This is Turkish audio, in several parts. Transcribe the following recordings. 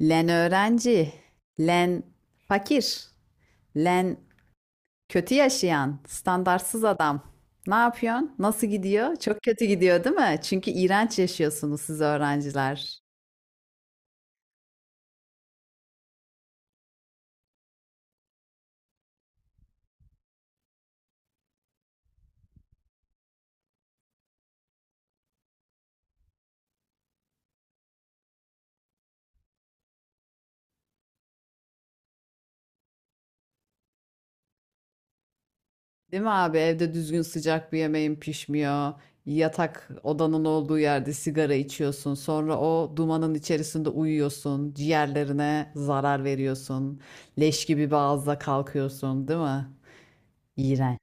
Len öğrenci, len fakir, len kötü yaşayan, standartsız adam. Ne yapıyorsun? Nasıl gidiyor? Çok kötü gidiyor, değil mi? Çünkü iğrenç yaşıyorsunuz siz öğrenciler. Değil mi abi? Evde düzgün sıcak bir yemeğin pişmiyor. Yatak odanın olduğu yerde sigara içiyorsun. Sonra o dumanın içerisinde uyuyorsun. Ciğerlerine zarar veriyorsun. Leş gibi bir ağızla kalkıyorsun, değil mi? İğrenç.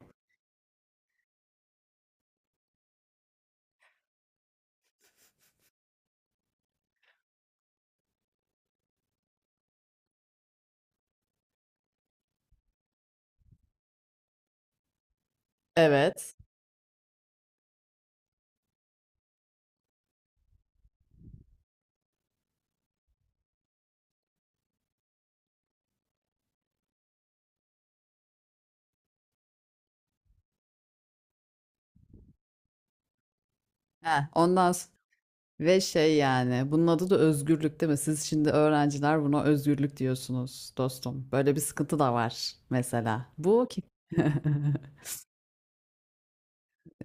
Evet. Heh, ondan sonra... Ve şey yani bunun adı da özgürlük değil mi? Siz şimdi öğrenciler buna özgürlük diyorsunuz dostum. Böyle bir sıkıntı da var mesela. Bu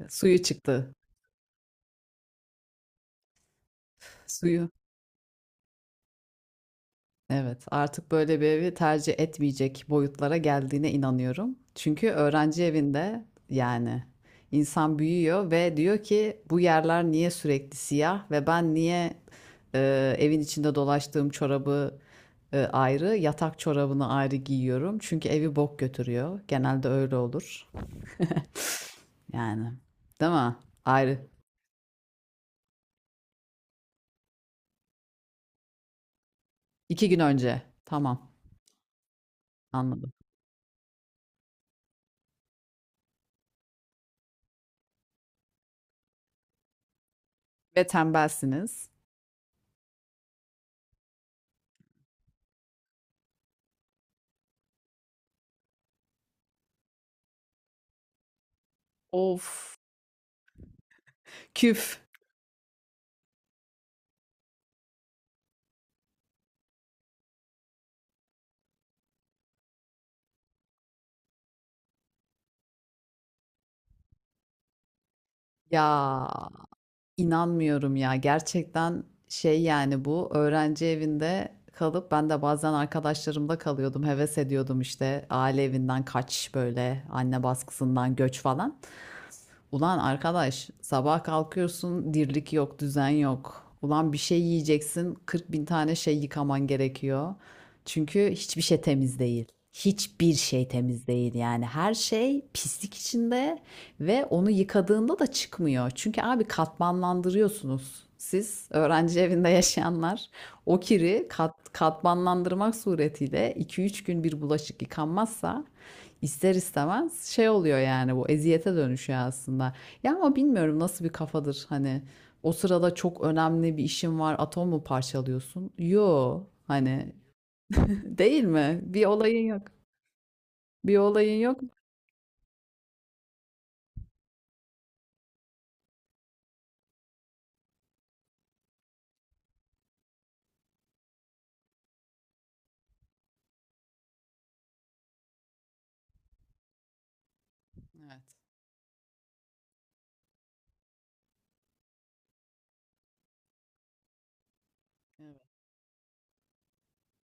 suyu çıktı. Suyu. Evet, artık böyle bir evi tercih etmeyecek boyutlara geldiğine inanıyorum. Çünkü öğrenci evinde yani insan büyüyor ve diyor ki bu yerler niye sürekli siyah ve ben niye e, evin içinde dolaştığım çorabı ayrı, yatak çorabını ayrı giyiyorum. Çünkü evi bok götürüyor. Genelde öyle olur. Yani, değil mi? Ayrı. İki gün önce. Tamam, anladım. Ve tembelsiniz. Of, küf. Ya. İnanmıyorum ya. Gerçekten şey yani bu öğrenci evinde kalıp ben de bazen arkadaşlarımda kalıyordum. Heves ediyordum işte aile evinden kaç böyle anne baskısından göç falan. Ulan arkadaş sabah kalkıyorsun dirlik yok düzen yok. Ulan bir şey yiyeceksin 40 bin tane şey yıkaman gerekiyor. Çünkü hiçbir şey temiz değil. Hiçbir şey temiz değil yani her şey pislik içinde ve onu yıkadığında da çıkmıyor. Çünkü abi katmanlandırıyorsunuz. Siz öğrenci evinde yaşayanlar o kiri katmanlandırmak suretiyle iki üç gün bir bulaşık yıkanmazsa İster istemez şey oluyor yani bu eziyete dönüşüyor aslında. Ya ama bilmiyorum nasıl bir kafadır hani o sırada çok önemli bir işin var atom mu parçalıyorsun? Yo hani değil mi? Bir olayın yok. Bir olayın yok. Evet, evet.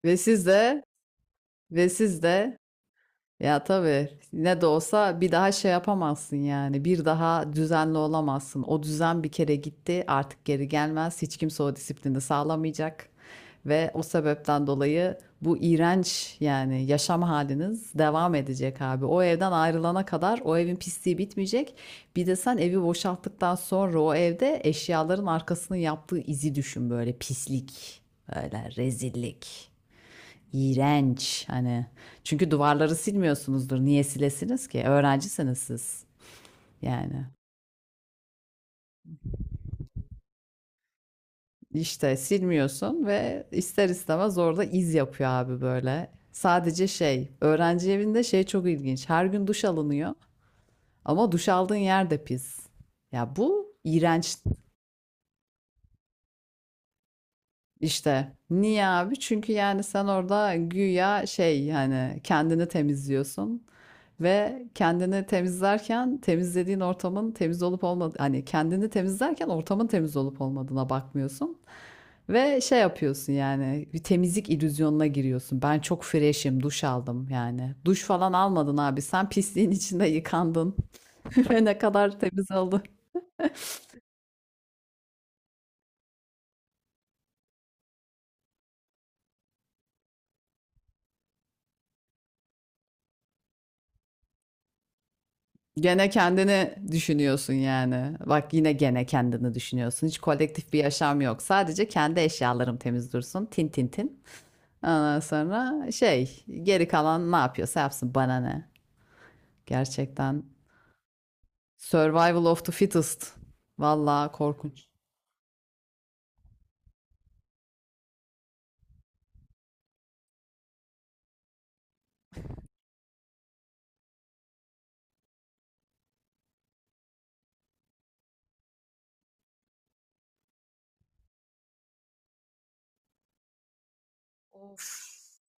Ve siz de ve siz de. Ya tabii ne de olsa bir daha şey yapamazsın yani. Bir daha düzenli olamazsın. O düzen bir kere gitti, artık geri gelmez. Hiç kimse o disiplini sağlamayacak. Ve o sebepten dolayı bu iğrenç yani yaşam haliniz devam edecek abi. O evden ayrılana kadar o evin pisliği bitmeyecek. Bir de sen evi boşalttıktan sonra o evde eşyaların arkasının yaptığı izi düşün böyle pislik, böyle rezillik. İğrenç hani. Çünkü duvarları silmiyorsunuzdur. Niye silesiniz ki? Öğrencisiniz siz. Yani işte silmiyorsun ve ister istemez orada iz yapıyor abi böyle. Sadece şey, öğrenci evinde şey çok ilginç. Her gün duş alınıyor ama duş aldığın yer de pis. Ya bu iğrenç. İşte niye abi? Çünkü yani sen orada güya şey yani kendini temizliyorsun ve kendini temizlerken temizlediğin ortamın temiz olup olmadı hani kendini temizlerken ortamın temiz olup olmadığına bakmıyorsun ve şey yapıyorsun yani bir temizlik illüzyonuna giriyorsun. Ben çok fresh'im, duş aldım yani. Duş falan almadın abi. Sen pisliğin içinde yıkandın ve ne kadar temiz oldu. Gene kendini düşünüyorsun yani. Bak yine gene kendini düşünüyorsun. Hiç kolektif bir yaşam yok. Sadece kendi eşyalarım temiz dursun. Tin tin tin. Ondan sonra şey geri kalan ne yapıyorsa yapsın bana ne. Gerçekten survival of the fittest. Vallahi korkunç. Of.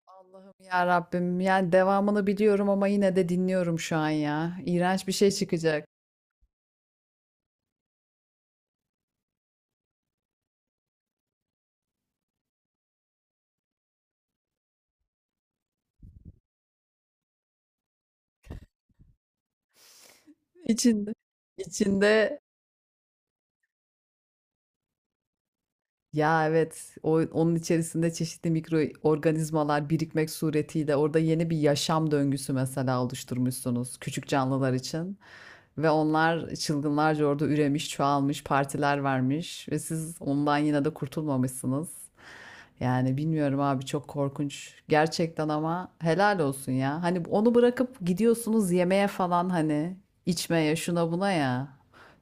Allah'ım ya Rabbim. Yani devamını biliyorum ama yine de dinliyorum şu an ya. İğrenç bir şey çıkacak. İçinde. İçinde. Ya evet, onun içerisinde çeşitli mikroorganizmalar birikmek suretiyle orada yeni bir yaşam döngüsü mesela oluşturmuşsunuz küçük canlılar için. Ve onlar çılgınlarca orada üremiş, çoğalmış, partiler vermiş ve siz ondan yine de kurtulmamışsınız. Yani bilmiyorum abi çok korkunç. Gerçekten ama helal olsun ya. Hani onu bırakıp gidiyorsunuz yemeğe falan hani içmeye şuna buna ya.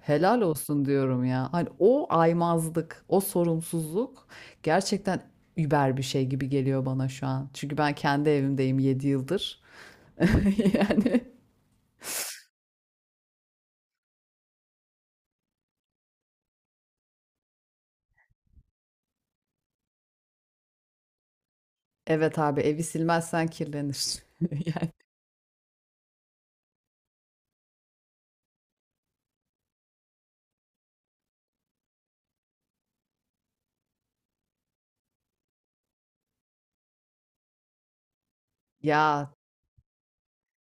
Helal olsun diyorum ya. Hani o aymazlık, o sorumsuzluk gerçekten über bir şey gibi geliyor bana şu an. Çünkü ben kendi evimdeyim 7 yıldır. Yani. Evet abi, evi silmezsen kirlenir. Yani. Ya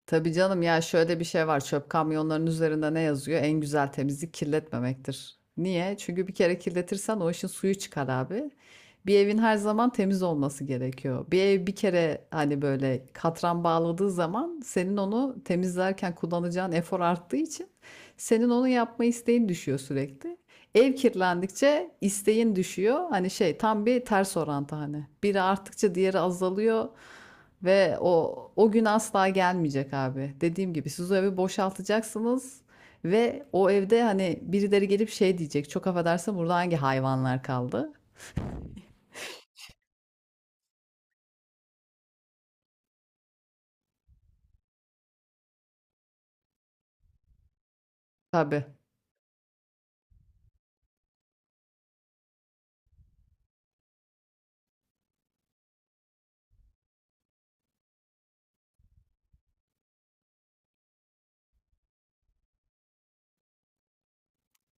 tabii canım ya şöyle bir şey var. Çöp kamyonlarının üzerinde ne yazıyor? En güzel temizlik kirletmemektir. Niye? Çünkü bir kere kirletirsen o işin suyu çıkar abi. Bir evin her zaman temiz olması gerekiyor. Bir ev bir kere hani böyle katran bağladığı zaman senin onu temizlerken kullanacağın efor arttığı için senin onu yapma isteğin düşüyor sürekli. Ev kirlendikçe isteğin düşüyor. Hani şey tam bir ters orantı hani. Biri arttıkça diğeri azalıyor. Ve o gün asla gelmeyecek abi. Dediğim gibi siz o evi boşaltacaksınız ve o evde hani birileri gelip şey diyecek. Çok affedersin burada hangi hayvanlar kaldı? Tabii.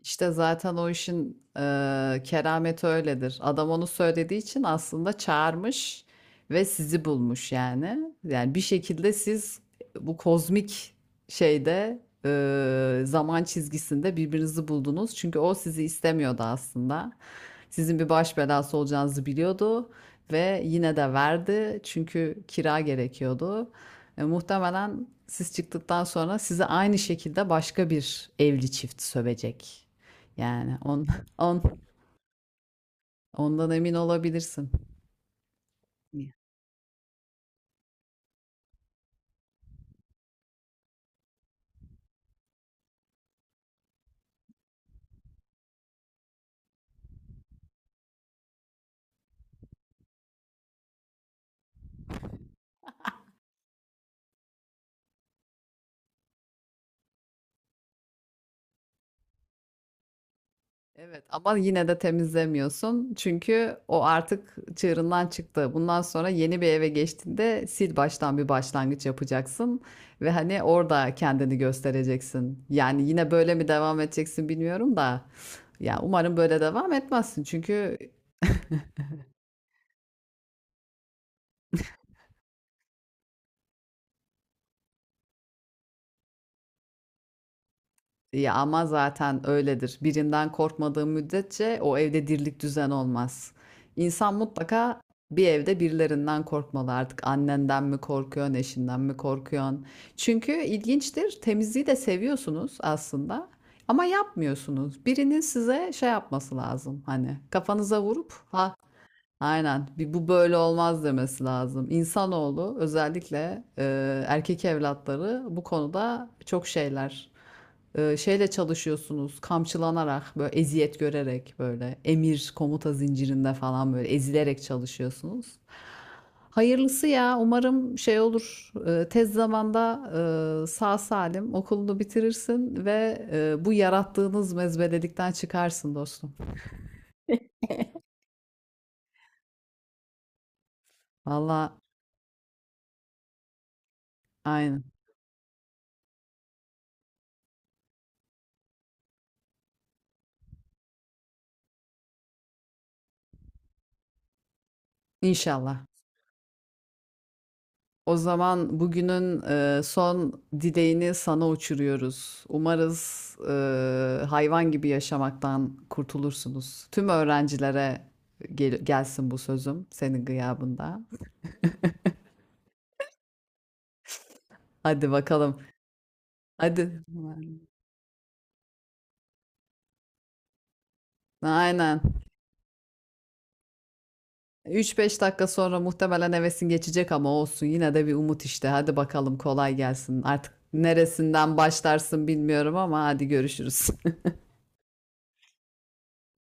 İşte zaten o işin kerameti öyledir. Adam onu söylediği için aslında çağırmış ve sizi bulmuş yani. Yani bir şekilde siz bu kozmik şeyde zaman çizgisinde birbirinizi buldunuz. Çünkü o sizi istemiyordu aslında. Sizin bir baş belası olacağınızı biliyordu ve yine de verdi çünkü kira gerekiyordu. Muhtemelen siz çıktıktan sonra sizi aynı şekilde başka bir evli çift sövecek. Yani on, ondan emin olabilirsin. Evet ama yine de temizlemiyorsun. Çünkü o artık çığırından çıktı. Bundan sonra yeni bir eve geçtiğinde sil baştan bir başlangıç yapacaksın ve hani orada kendini göstereceksin. Yani yine böyle mi devam edeceksin bilmiyorum da. Ya umarım böyle devam etmezsin. Çünkü. Ya ama zaten öyledir. Birinden korkmadığı müddetçe o evde dirlik düzen olmaz. İnsan mutlaka bir evde birilerinden korkmalı artık. Annenden mi korkuyorsun, eşinden mi korkuyorsun? Çünkü ilginçtir. Temizliği de seviyorsunuz aslında. Ama yapmıyorsunuz. Birinin size şey yapması lazım. Hani kafanıza vurup ha aynen bir bu böyle olmaz demesi lazım. İnsanoğlu özellikle erkek evlatları bu konuda çok şeyler şeyle çalışıyorsunuz kamçılanarak böyle eziyet görerek böyle emir komuta zincirinde falan böyle ezilerek çalışıyorsunuz. Hayırlısı ya umarım şey olur tez zamanda sağ salim okulunu bitirirsin ve bu yarattığınız mezbelelikten çıkarsın dostum. Valla aynen inşallah. O zaman bugünün son dileğini sana uçuruyoruz. Umarız hayvan gibi yaşamaktan kurtulursunuz. Tüm öğrencilere gelsin bu sözüm senin gıyabında. Hadi bakalım. Hadi. Aynen. 3-5 dakika sonra muhtemelen hevesin geçecek ama olsun. Yine de bir umut işte. Hadi bakalım kolay gelsin. Artık neresinden başlarsın bilmiyorum ama hadi görüşürüz.